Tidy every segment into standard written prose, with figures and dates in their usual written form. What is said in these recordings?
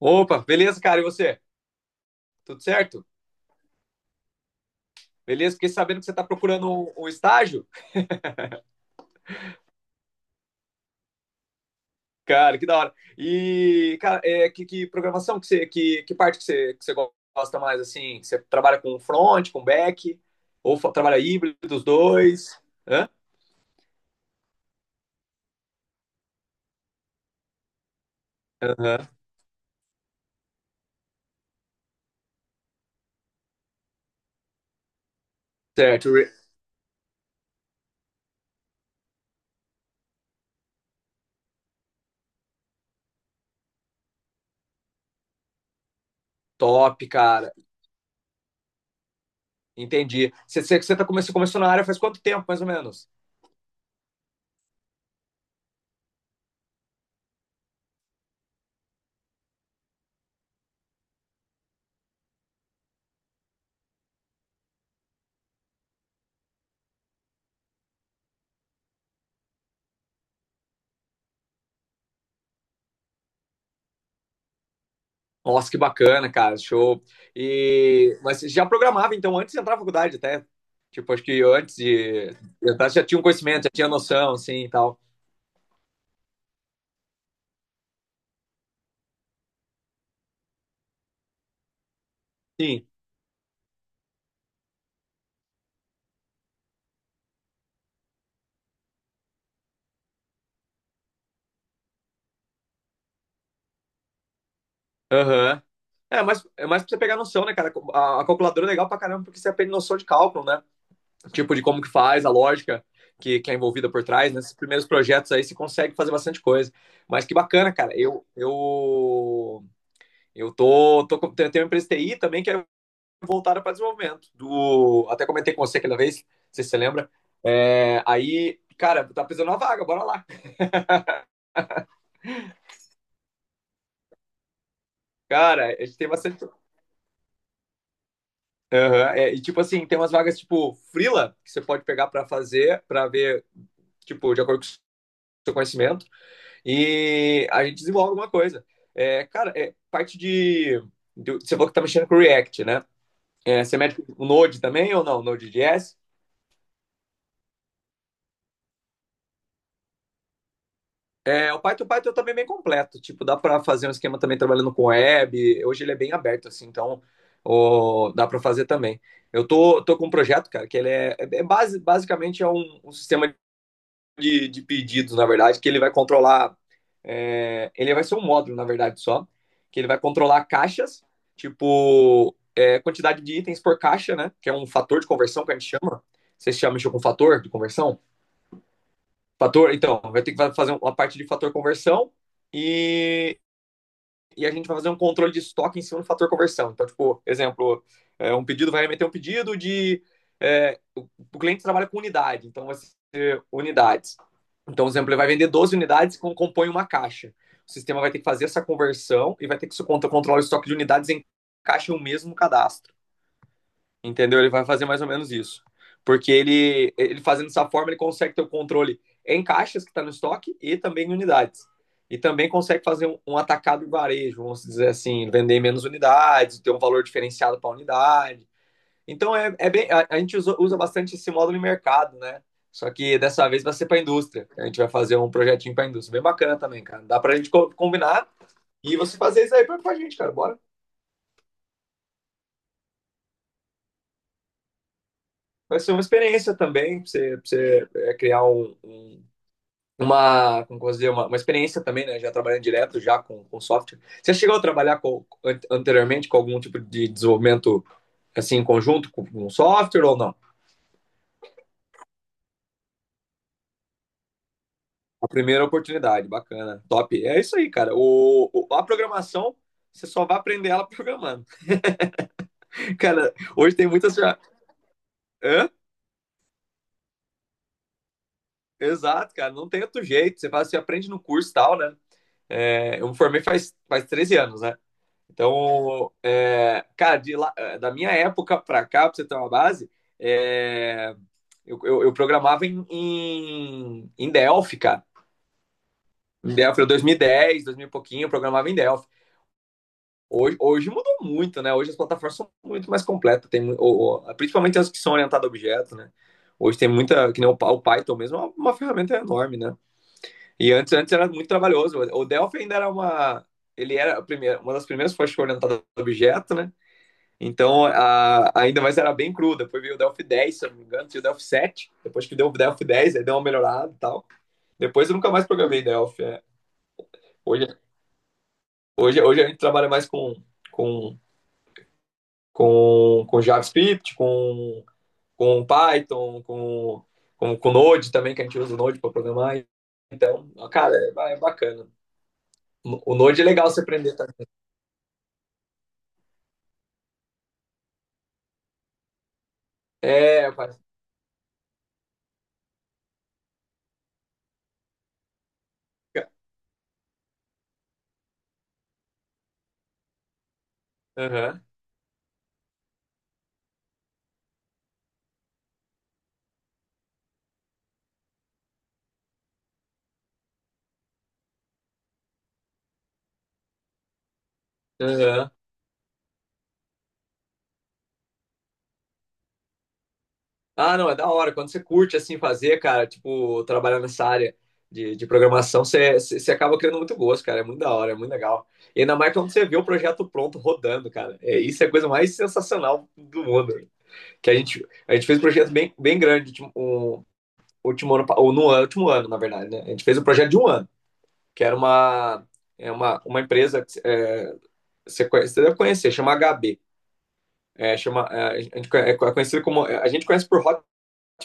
Opa, beleza, cara? E você? Tudo certo? Beleza? Fiquei sabendo que você está procurando um estágio. Cara, que da hora. E, cara, é, que programação que você, que parte que você gosta mais, assim? Você trabalha com front, com back? Ou trabalha híbrido dos dois? Hã? Aham. Certo. Top, cara. Entendi. Você começou na área faz quanto tempo, mais ou menos? Nossa, que bacana, cara, show. E mas você já programava então antes de entrar na faculdade até? Tipo, acho que antes de entrar você já tinha um conhecimento, já tinha noção, assim, e tal. Sim. Aham. É, mas é mais pra você pegar noção, né, cara? A calculadora é legal pra caramba porque você aprende noção de cálculo, né? Tipo, de como que faz, a lógica que é envolvida por trás. Nesses primeiros projetos aí você consegue fazer bastante coisa. Mas que bacana, cara. Eu tô, tô, com- tenho tenho uma empresa de TI também que é voltada para desenvolvimento. Do... Até comentei com você aquela vez, não sei se você lembra. É, aí, cara, tá precisando uma vaga, bora lá. Cara, a gente tem bastante. Uhum, é, e tipo assim, tem umas vagas tipo Frila, que você pode pegar para fazer, para ver, tipo, de acordo com o seu conhecimento. E a gente desenvolve alguma coisa. É, cara, é parte de, você falou que tá mexendo com o React, né? É, você mexe com o Node também ou não? Node.js? É, o Python também é bem completo. Tipo, dá para fazer um esquema também trabalhando com web. Hoje ele é bem aberto, assim, então ó, dá para fazer também. Eu tô com um projeto, cara, que ele é, é base, basicamente é um sistema de pedidos, na verdade, que ele vai controlar. É, ele vai ser um módulo, na verdade, só, que ele vai controlar caixas, tipo, é, quantidade de itens por caixa, né? Que é um fator de conversão que a gente chama. Vocês chamam isso com fator de conversão? Fator, então, vai ter que fazer um, uma parte de fator conversão e, e a gente vai fazer um controle de estoque em cima do fator conversão. Então, tipo, exemplo, é, um pedido vai meter um pedido de. É, o cliente trabalha com unidade, então vai ser unidades. Então, por exemplo, ele vai vender 12 unidades que compõem uma caixa. O sistema vai ter que fazer essa conversão e vai ter que controlar o estoque de unidades em caixa o mesmo cadastro. Entendeu? Ele vai fazer mais ou menos isso. Porque ele fazendo dessa forma, ele consegue ter o controle em caixas que está no estoque e também em unidades. E também consegue fazer um atacado em varejo, vamos dizer assim, vender menos unidades, ter um valor diferenciado para a unidade. Então é, é bem, a gente usa, usa bastante esse módulo de mercado, né? Só que dessa vez vai ser para a indústria. A gente vai fazer um projetinho para a indústria. Bem bacana também, cara. Dá para a gente combinar e você fazer isso aí para a gente, cara. Bora. Vai ser uma experiência também, pra você é, criar uma, como posso dizer, uma experiência também, né? Já trabalhando direto já com software. Você chegou a trabalhar com, anteriormente com algum tipo de desenvolvimento assim em conjunto com, um software ou não? A primeira oportunidade, bacana, top. É isso aí, cara. O, a programação, você só vai aprender ela programando. Cara, hoje tem muitas já. Hã? Exato, cara. Não tem outro jeito. Você faz, você aprende no curso e tal, né? É, eu me formei faz, faz 13 anos, né? Então, é, cara, de é, da minha época pra cá, pra você ter uma base, é, eu programava em, em, em Delphi, cara. Em Delphi, era 2010, 2000 e dez, dois mil e pouquinho, eu programava em Delphi. Hoje, hoje mudou muito, né? Hoje as plataformas são muito mais completas, tem, principalmente as que são orientadas a objeto, né? Hoje tem muita, que nem o, o Python mesmo, é uma ferramenta enorme, né? E antes, antes era muito trabalhoso. O Delphi ainda era uma, ele era a primeira, uma das primeiras fontes orientadas a objeto, né? Então, a, ainda mais era bem cru. Depois veio o Delphi 10, se eu não me engano, tinha o Delphi 7. Depois que deu o Delphi 10, aí deu uma melhorada e tal. Depois eu nunca mais programei Delphi. É. Hoje, hoje, hoje a gente trabalha mais com, com JavaScript, com Python, com Node também, que a gente usa o Node para programar. Então, cara, é, é bacana. O Node é legal você aprender também. Tá? É, rapaz. Aham, ah, não, é da hora. Quando você curte assim fazer, cara, tipo, trabalhar nessa área de programação, você, você acaba criando muito gosto, cara. É muito da hora, é muito legal. E ainda mais quando você vê o projeto pronto rodando, cara. É, isso é a coisa mais sensacional do mundo. Que a gente fez um projeto bem, bem grande, tipo, um, último ano, pa- ou no ano- último ano, na verdade, né? A gente fez um projeto de um ano, que era uma, é uma empresa que é, você, você deve conhecer, chama HB. É, chama, é, a gente é conhecido como. A gente conhece por Hot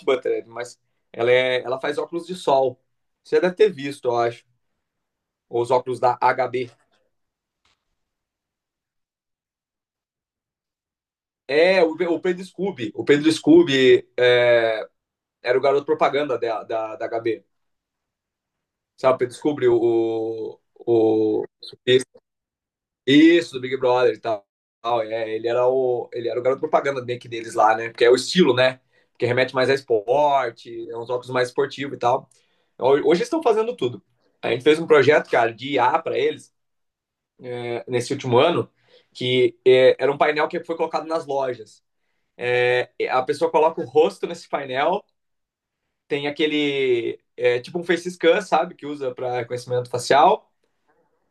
Butterhead, mas ela, é, ela faz óculos de sol. Você deve ter visto, eu acho. Os óculos da HB. É, o Pedro Scooby. O Pedro Scooby é, era o garoto propaganda da HB. Sabe, o Pedro Scooby, o... Isso, do Big Brother e tal. É, ele era o garoto propaganda meio deles lá, né? Porque é o estilo, né? Porque remete mais a esporte, é uns óculos mais esportivos e tal. Hoje eles estão fazendo tudo. A gente fez um projeto, cara, de I A para eles, é, nesse último ano, que é, era um painel que foi colocado nas lojas. É, é, a pessoa coloca o rosto nesse painel, tem aquele É, tipo um face scan, sabe, que usa para reconhecimento facial.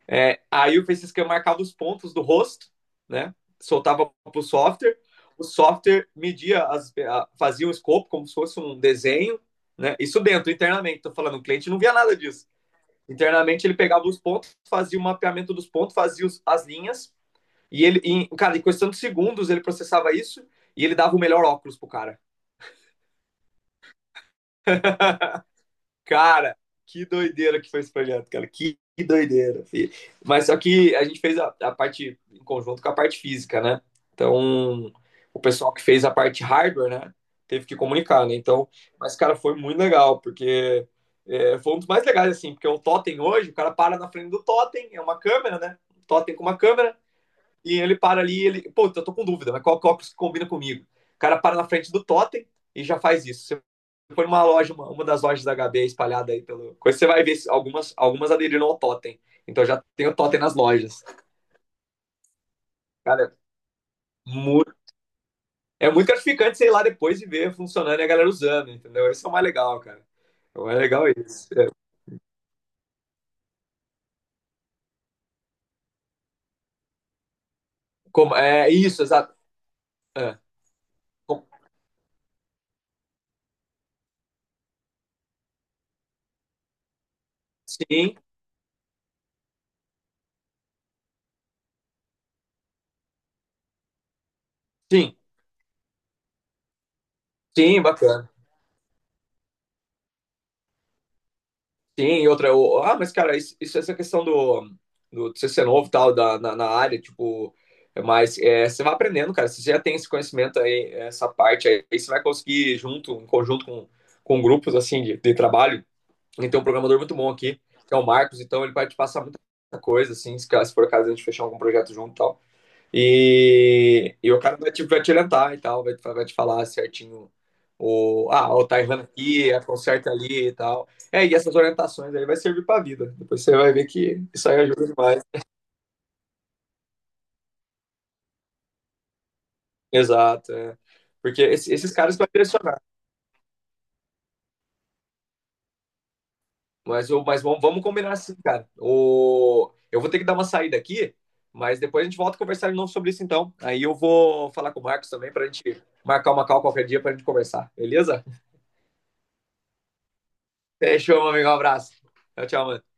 É, aí o face scan marcava os pontos do rosto, né? Soltava para o software. O software media, as, fazia um escopo como se fosse um desenho, né? Isso dentro, internamente. Tô falando, o cliente não via nada disso. Internamente ele pegava os pontos, fazia o mapeamento dos pontos, fazia os, as linhas e ele, em, cara, em questão de segundos ele processava isso e ele dava o melhor óculos pro cara. Cara, que doideira que foi esse projeto, cara. Que doideira, filho. Mas só que a gente fez a parte em conjunto com a parte física, né? Então, o pessoal que fez a parte hardware, né? Teve que comunicar, né? Então, mas, cara, foi muito legal, porque é, foi um dos mais legais, assim, porque o totem hoje, o cara para na frente do totem, é uma câmera, né? Um totem com uma câmera, e ele para ali, ele, pô, eu tô com dúvida, mas qual óculos que combina comigo? O cara para na frente do totem e já faz isso. Você foi numa loja, uma das lojas da HB espalhada aí pelo. Você vai ver algumas, algumas aderiram ao totem. Então já tem o totem nas lojas. Cara, muito, é muito gratificante você ir lá depois e ver funcionando e a galera usando, entendeu? Isso é o mais legal, cara. É o mais legal isso. Como, é isso, exato. É. Sim, sim, sim, bacana. Sim, e outra, ah, mas cara, isso, essa questão do, do você ser novo e tal, da, na, na área, tipo, é mais, é, você vai aprendendo, cara, se você já tem esse conhecimento aí, essa parte aí, aí você vai conseguir junto, em conjunto com grupos, assim, de trabalho, e tem um programador muito bom aqui, que é o Marcos, então ele vai te passar muita coisa, assim, se, se for caso a gente fechar algum projeto junto e tal. E o cara vai, tipo, vai te orientar e tal, vai, vai te falar certinho o, ah, o tá errando aqui, a conserta ali e tal. É, e essas orientações aí vai servir pra vida. Depois você vai ver que isso aí ajuda demais. Exato, é. Porque esses caras vão direcionar. Mas, eu, mas vamos, vamos combinar assim, cara. O, eu vou ter que dar uma saída aqui, mas depois a gente volta a conversar de novo sobre isso então. Aí eu vou falar com o Marcos também pra gente marcar uma call qualquer dia pra gente conversar, beleza? Fechou, meu amigo. Um abraço. Tchau, tchau, mano.